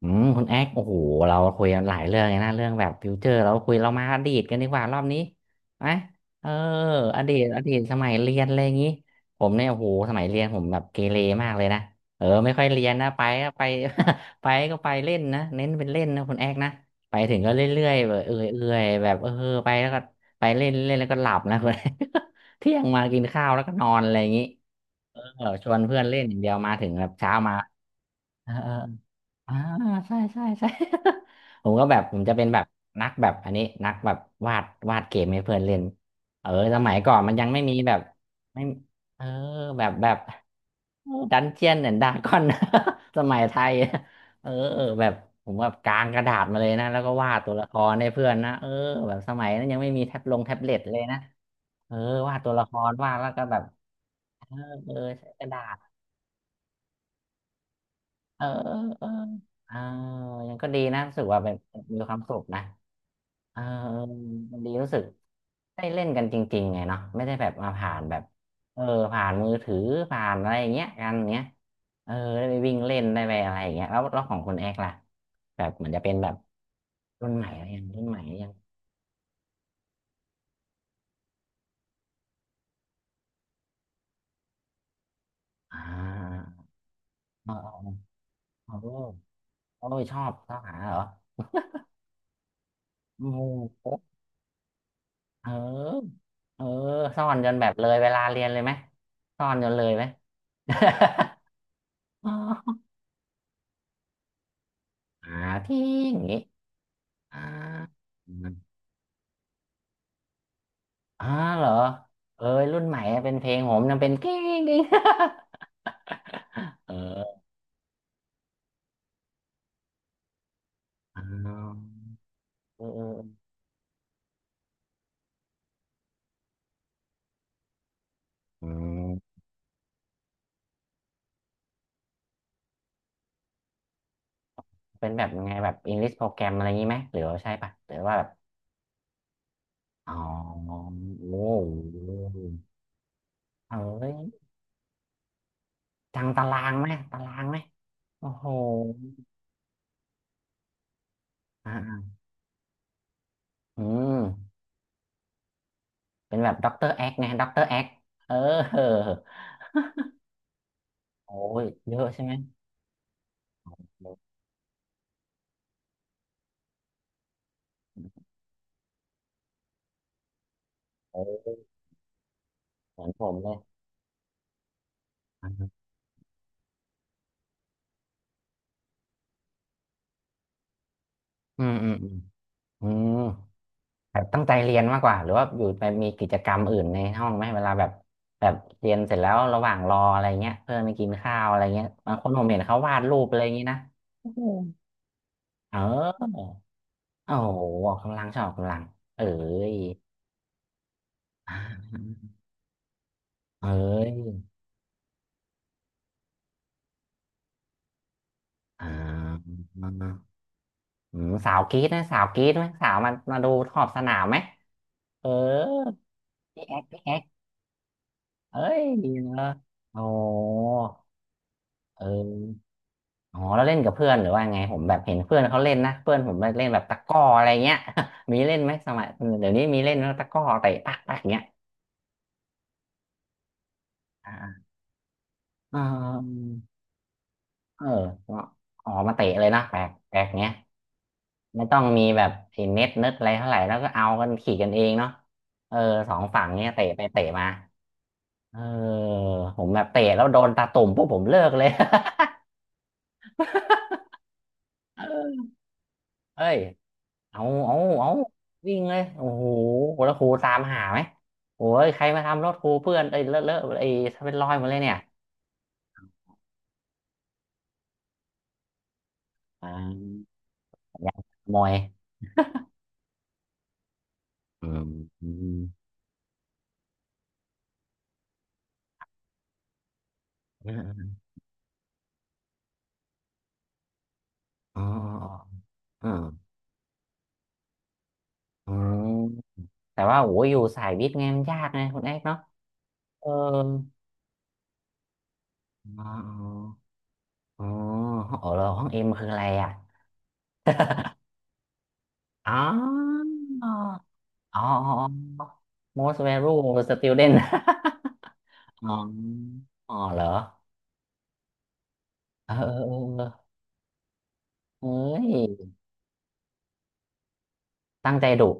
คุณแอ๊กโอ้โหเราคุยกันหลายเรื่องเลยนะเรื่องแบบฟิวเจอร์เราคุยเรามาอดีตกันดีกว่ารอบนี้ไหมเอออดีตอดีตสมัยเรียนอะไรอย่างงี้ผมเนี่ยโอ้โหสมัยเรียนผมแบบเกเรมากเลยนะไม่ค่อยเรียนนะไปก็ไป ไปก็ไปเล่นนะเน้นเป็นเล่นนะคุณแอ๊กนะไปถึงก็เรื่อยๆแบบเออยเอยแบบไปแล้วก็ไปเล่นเล่นแล้วก็หลับนะ คุณแอ๊ก เที่ยงมากินข้าวแล้วก็นอนอะไรอย่างงี้เออชวนเพื่อนเล่นอย่างเดียวมาถึงแบบเช้ามาเออ อ่าใช่ใช่ ใช่ ผมก็แบบผมจะเป็นแบบนักแบบอันนี้นักแบบวาดวาดเกมให้เพื่อนเล่นสมัยก่อนมันยังไม่มีแบบไม่เออแบบแบบดันเจียนเนี่ยดาก้อน สมัยไทยเออแบบผมแบบกางกระดาษมาเลยนะแล้วก็วาดตัวละครให้เพื่อนนะแบบสมัยนั้นยังไม่มีแท็บลงแท็บเล็ตเลยนะเออวาดตัวละครวาดแล้วก็แบบเออเออใช้กระดาษ เออเออเออเอยังก็ดีนะรู้สึกว่าแบบมีความสุขนะเออเออมันดีรู้สึกได้เล่นกันจริงๆไงเนาะไม่ได้แบบมาผ่านแบบเออผ่านมือถือผ่านอะไรอย่างเงี้ยกันเงี้ยเออได้ไปวิ่งเล่นได้ไปอะไรอย่างเงี้ยแล้วแล้วของคุณแอกล่ะแบบเหมือนจะเป็นแบบรุ่นใหม่หรือยังรุ่นใหม่หรือยังอ่าเออเออเออโอ้ยชอบชอบหาเหรอโอ้โห เออเออซ่อนจนแบบเลยเวลาเรียนเลยไหมซ่อนจนเลยไหม อ๋อหาที่อย่างงี้อ่าอมอ่าเหรอเอ้ยรุ่นใหม่อะเป็นเพลงผมยังเป็นกิ้งกิ้ง เอออ๋อเออเอออืมเป็นแบบยังไงแบบอังกฤษโปรแกรมอะไรงี้ไหมหรือว่าใช่ปะหรือว่าแบบอ๋อโอ้โหเอ้ยจังตารางไหมตารางไหมโอ้โหอืม เป็นแบบด็อกเตอร์แอคไงด็อกเตอร์แอ คเออโอ้ยเยอะใช่ไหมโอ้ยเหมือนผมเลยอืมอืมอืมอืมแบบตั้งใจเรียนมากกว่าหรือว่าอยู่ไปมีกิจกรรมอื่นในห้องไหมเวลาแบบแบบเรียนเสร็จแล้วระหว่างรออะไรเงี้ยเพื่อนไปกินข้าวอะไรเงี้ยบางคนผมเห็นเขาวาดรูปอะไรอย่างงี้นะโอ้โหเออโอ้โหออกกำลังชอบออกกำลังเอ้ย อ่าเอ้ยอ่า อืมสาวกรี๊ดนะสาวกรี๊ดไหมสาวมามาดูขอบสนามไหมเออพี่แอ๊กพี่แอ๊กเอ้ยเนอะโอ้เอออ๋อแล้วเล่นกับเพื่อนหรือว่าไงผมแบบเห็นเพื่อนเขาเล่นนะเพื่อนผมเล่นแบบตะกร้ออะไรเงี้ย มีเล่นไหมสมัยเดี๋ยวนี้มีเล่นนะตะกร้อเตะปักปักเงี้ยอ่าเออเออออกมาเตะเลยนะแปลกแปลกเงี้ยไม่ต้องมีแบบไอ้เน็ตเน็ตอะไรเท่าไหร่แล้วก็เอากันขี่กันเองเนาะเออสองฝั่งเนี้ยเตะไปเตะมา เออผมแบบเตะแล้วโดนตาตุ่มพวกผมเลิกเลย เอ้ยเอาเอาวิ่งเลยโอ้โหแล้วครูตามหาไหมโอ้ยใครมาทำรถครูเพื่อนเอ้ยเลอะเลอะไอ้าเป็นรอยหมดเลยเนี่ยอ่าอยากขโมยอืม อืมอมอ๋ออ๋ออ๋ออืมแต่ว่าโอ้ยอยู่สายวิทย์ไงมันยากไงคุณเอกเนาะเอออ๋ออ๋ออ๋อแล้วห้องเอ็มคืออะไรอ่ะอ๋อ อ๋ออ๋ออ๋อ most valuable student อ๋ออ๋อเหรอเออเออเออเอ้ยตั้งใจดุ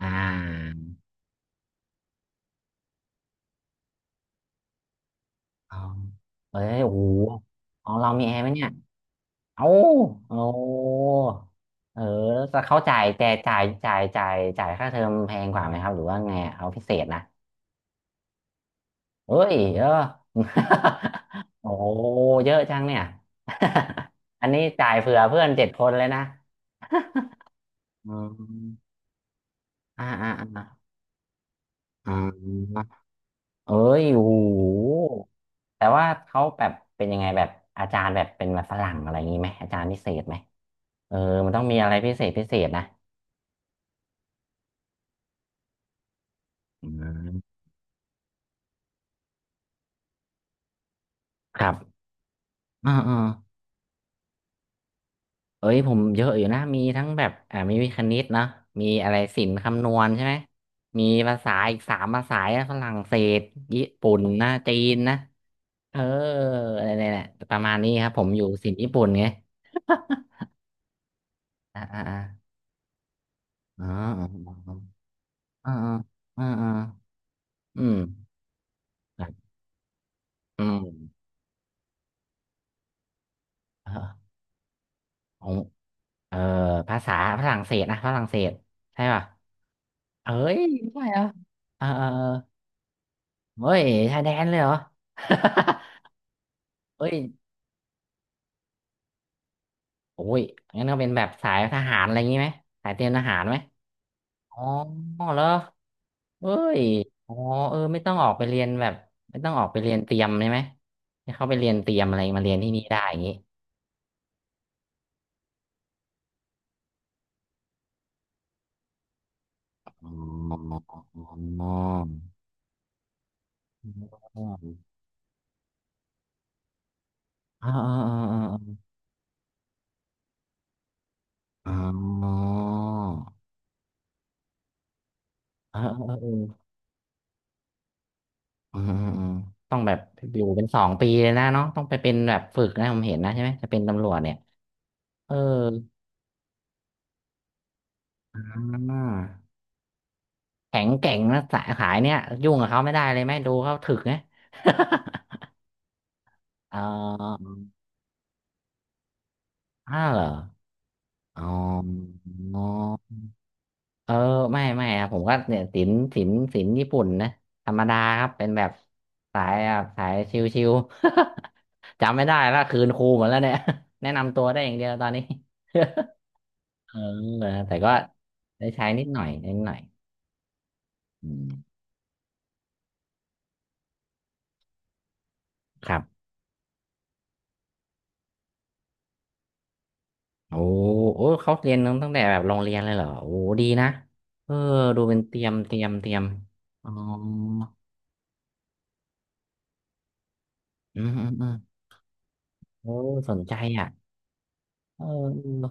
อ่าอ๋อเอ้ยโอ้โหของเรามีแอร์ไหมเนี่ยเอ้าโอ้เออแต่เขาจ่ายแต่จ่ายค่าเทอมแพงกว่าไหมครับ หรือว่าไงเอาพิเศษนะเอ้ย โอ้เยอะจังเนี่ย อันนี้จ่ายเผื่อเพื่อนเจ็ดคนเลยนะ อืม อ่าอ่าอ่าอ่าเอ้ยโอ้โหแต่ว่าเขาแบบเป็นยังไงแบบอาจารย์แบบเป็นแบบฝรั่งอะไรอย่างนี้ไหมอาจารย์พิเศษไหมเออมันต้องมีอะไรพิเศษพิเศษนะอืมครับอ่าอ่าเอ้ยผมเยอะอยู่นะมีทั้งแบบอ่ามีวิคณิตนะมีอะไรศิลป์คำนวณใช่ไหมมีภาษาอีกสามภาษานะฝรั่งเศสญี่ปุ่นนะจีนนะเอออะไรเนี่ยประมาณนี้ครับผมอยู่ศิลป์ญี่ปุ่นไง อ่าอ่าอ่าอ๋อ อ่าอ่าอ่าอืมครับอืมเออของเออภาษาฝรั่งเศสนะฝรั่งเศสใช่ป่ะเอ้ยไม่ใช่เหรอเออเออเออเฮ้ยชายแดนเลยเหรอ เฮ้ยโอ้ยงั้นก็เป็นแบบสายทหารอะไรอย่างงี้ไหมสายเตรียมทหารไหมอ๋อเหรอเฮ้ยอ๋อเออไม่ต้องออกไปเรียนแบบไม่ต้องออกไปเรียนเตรียมใช่ไหมให้เขาไปเรียนเตรียมอะไรมาเรียนที่นี่ได้อย่างงี้อ๋ออ๋ออ๋อ อ่าอ่าอ่าอ่าอาอ๋อเอ่าอ่เออเอืมอืออต้องแบบอยู่เป็น2 ปีเลยนะเนาะต้องไปเป็นแบบฝึกนะผมเห็นนะใช่ไหมจะเป็นตำรวจเนี่ยเอออ่าแข็งแกร่งนะสายขายเนี่ยยุ่งกับเขาไม่ได้เลยไหมดูเขาถึกนะ เอออ้าวเหรออ๋อ เออไม่ไม่ครับผมก็เนี่ยศิลป์ญี่ปุ่นนะธรรมดาครับเป็นแบบสายแบบสายชิวๆ จำไม่ได้ละคืนครูหมดแล้วเนี่ย แนะนำตัวได้อย่างเดียวตอนนี้ เออแต่ก็ได้ใช้นิดหน่อยนิดหน่อยอืมครับโอ้โอ้เขาเรียนตั้งแต่แบบโรงเรียนเลยเหรอโอ้ดีนะเออดูเป็นเตรียมอ๋ออืมอืมอืมโอ้สนใจอ่ะเอ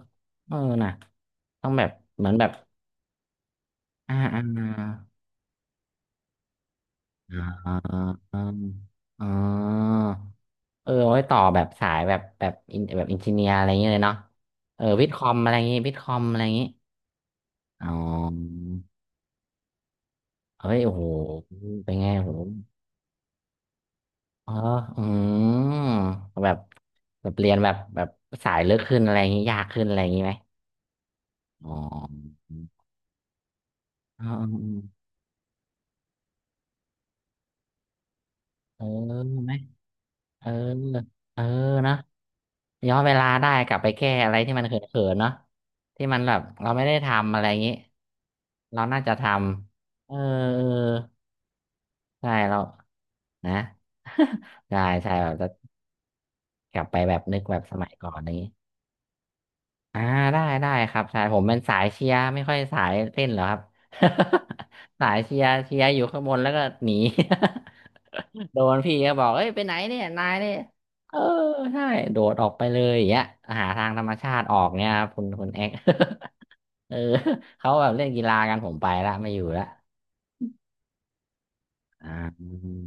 อเออนะต้องแบบเหมือนแบบ อ่าอ่าอ่าอ่าอ๋อเออไว้ต่อแบบสายแบบแบบอินแบบอินจิเนียร์อะไรอย่างเงี้ยเลยเนาะเออวิทย์คอมอะไรอย่างงี้วิทย์คอมอะไรอย่างงี้อ๋อเฮ้ยโอ้โหเป็นไงโอ้โหเอออืมแบบแบบเรียนแบบแบบสายลึกขึ้นอะไรอย่างงี้ยากขึ้นอะไรอย่างงี้ไหมอ๋อออเออเออเออ เออเออนะย้อนเวลาได้กลับไปแก้อะไรที่มันเขินๆเนาะที่มันแบบเราไม่ได้ทำอะไรอย่างนี้ เราน่าจะทำเออเออใช่เรานะ ใช่ใช่แบบจะกลับไปแบบนึกแบบสมัยก่อนนี้ อ่าได้ได้ครับใช่ผมเป็นสายเชียร์ไม่ค่อยสายเต้นหรอกครับ สายเชียร์เชียร์อยู่ข้างบนแล้วก็หนี โดนพี่ก็บอกเอ้ยไปไหนเนี่ยนายเนี่ยเออใช่โดดออกไปเลยอย่างเงี้ยหาทางธรรมชาติออกเนี่ยครับคุณเอ็ก เออเขาแบบเล่นกีฬากันผมไปละไม่อยู่ละอ่าอืม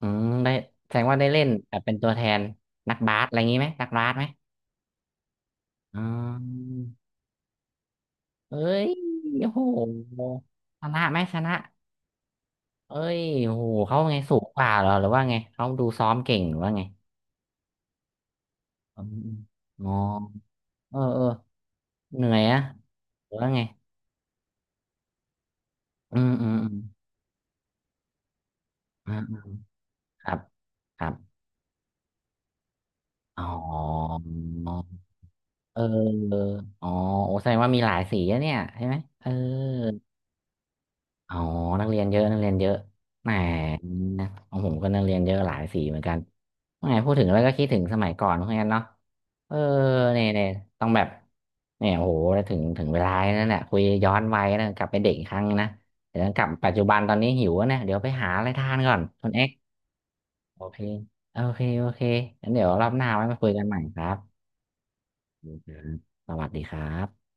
อืมได้แสดงว่าได้เล่นแบบเป็นตัวแทนนักบาสอะไรงี้ไหมนักบาสไหมอ๋อ เอ้ยโหชนะไหมชนะเอ้ยโหเขาไงสูงกว่าเหรอหรือว่าไงเขาดูซ้อมเก่งหรือว่าไงอืมอมอ๋อเออเออเหนื่อยอะหรือว่าไงอืมอืมอืมอ่าครับครับอ๋อเอออ๋อโอ้แสดงว่ามีหลายสีอะเนี่ยใช่ไหมเออ อ๋อนักเรียนเยอะนักเรียนเยอะแหมอนมของผมก็นักเรียนเยอะหลายสีเหมือนกันแหมพูดถึงแล้วก็คิดถึงสมัยก่อนเหมือนกันเนาะเออเนี่ยเนี่ยต้องแบบเนี่ยโอ้โหถึงถึงเวลานั่นแหละคุยย้อนวัยนะกลับไปเด็กอีกครั้งนะเดี๋ยวกลับปัจจุบันตอนนี้หิวแล้วเนี่ยเดี๋ยวไปหาอะไรทานก่อนคุณเอ็กโอเคโอเคโอเคงั้นเดี๋ยวรอบหน้าไว้มาคุยกันใหม่ครับโอเคครับสวัสดีครับ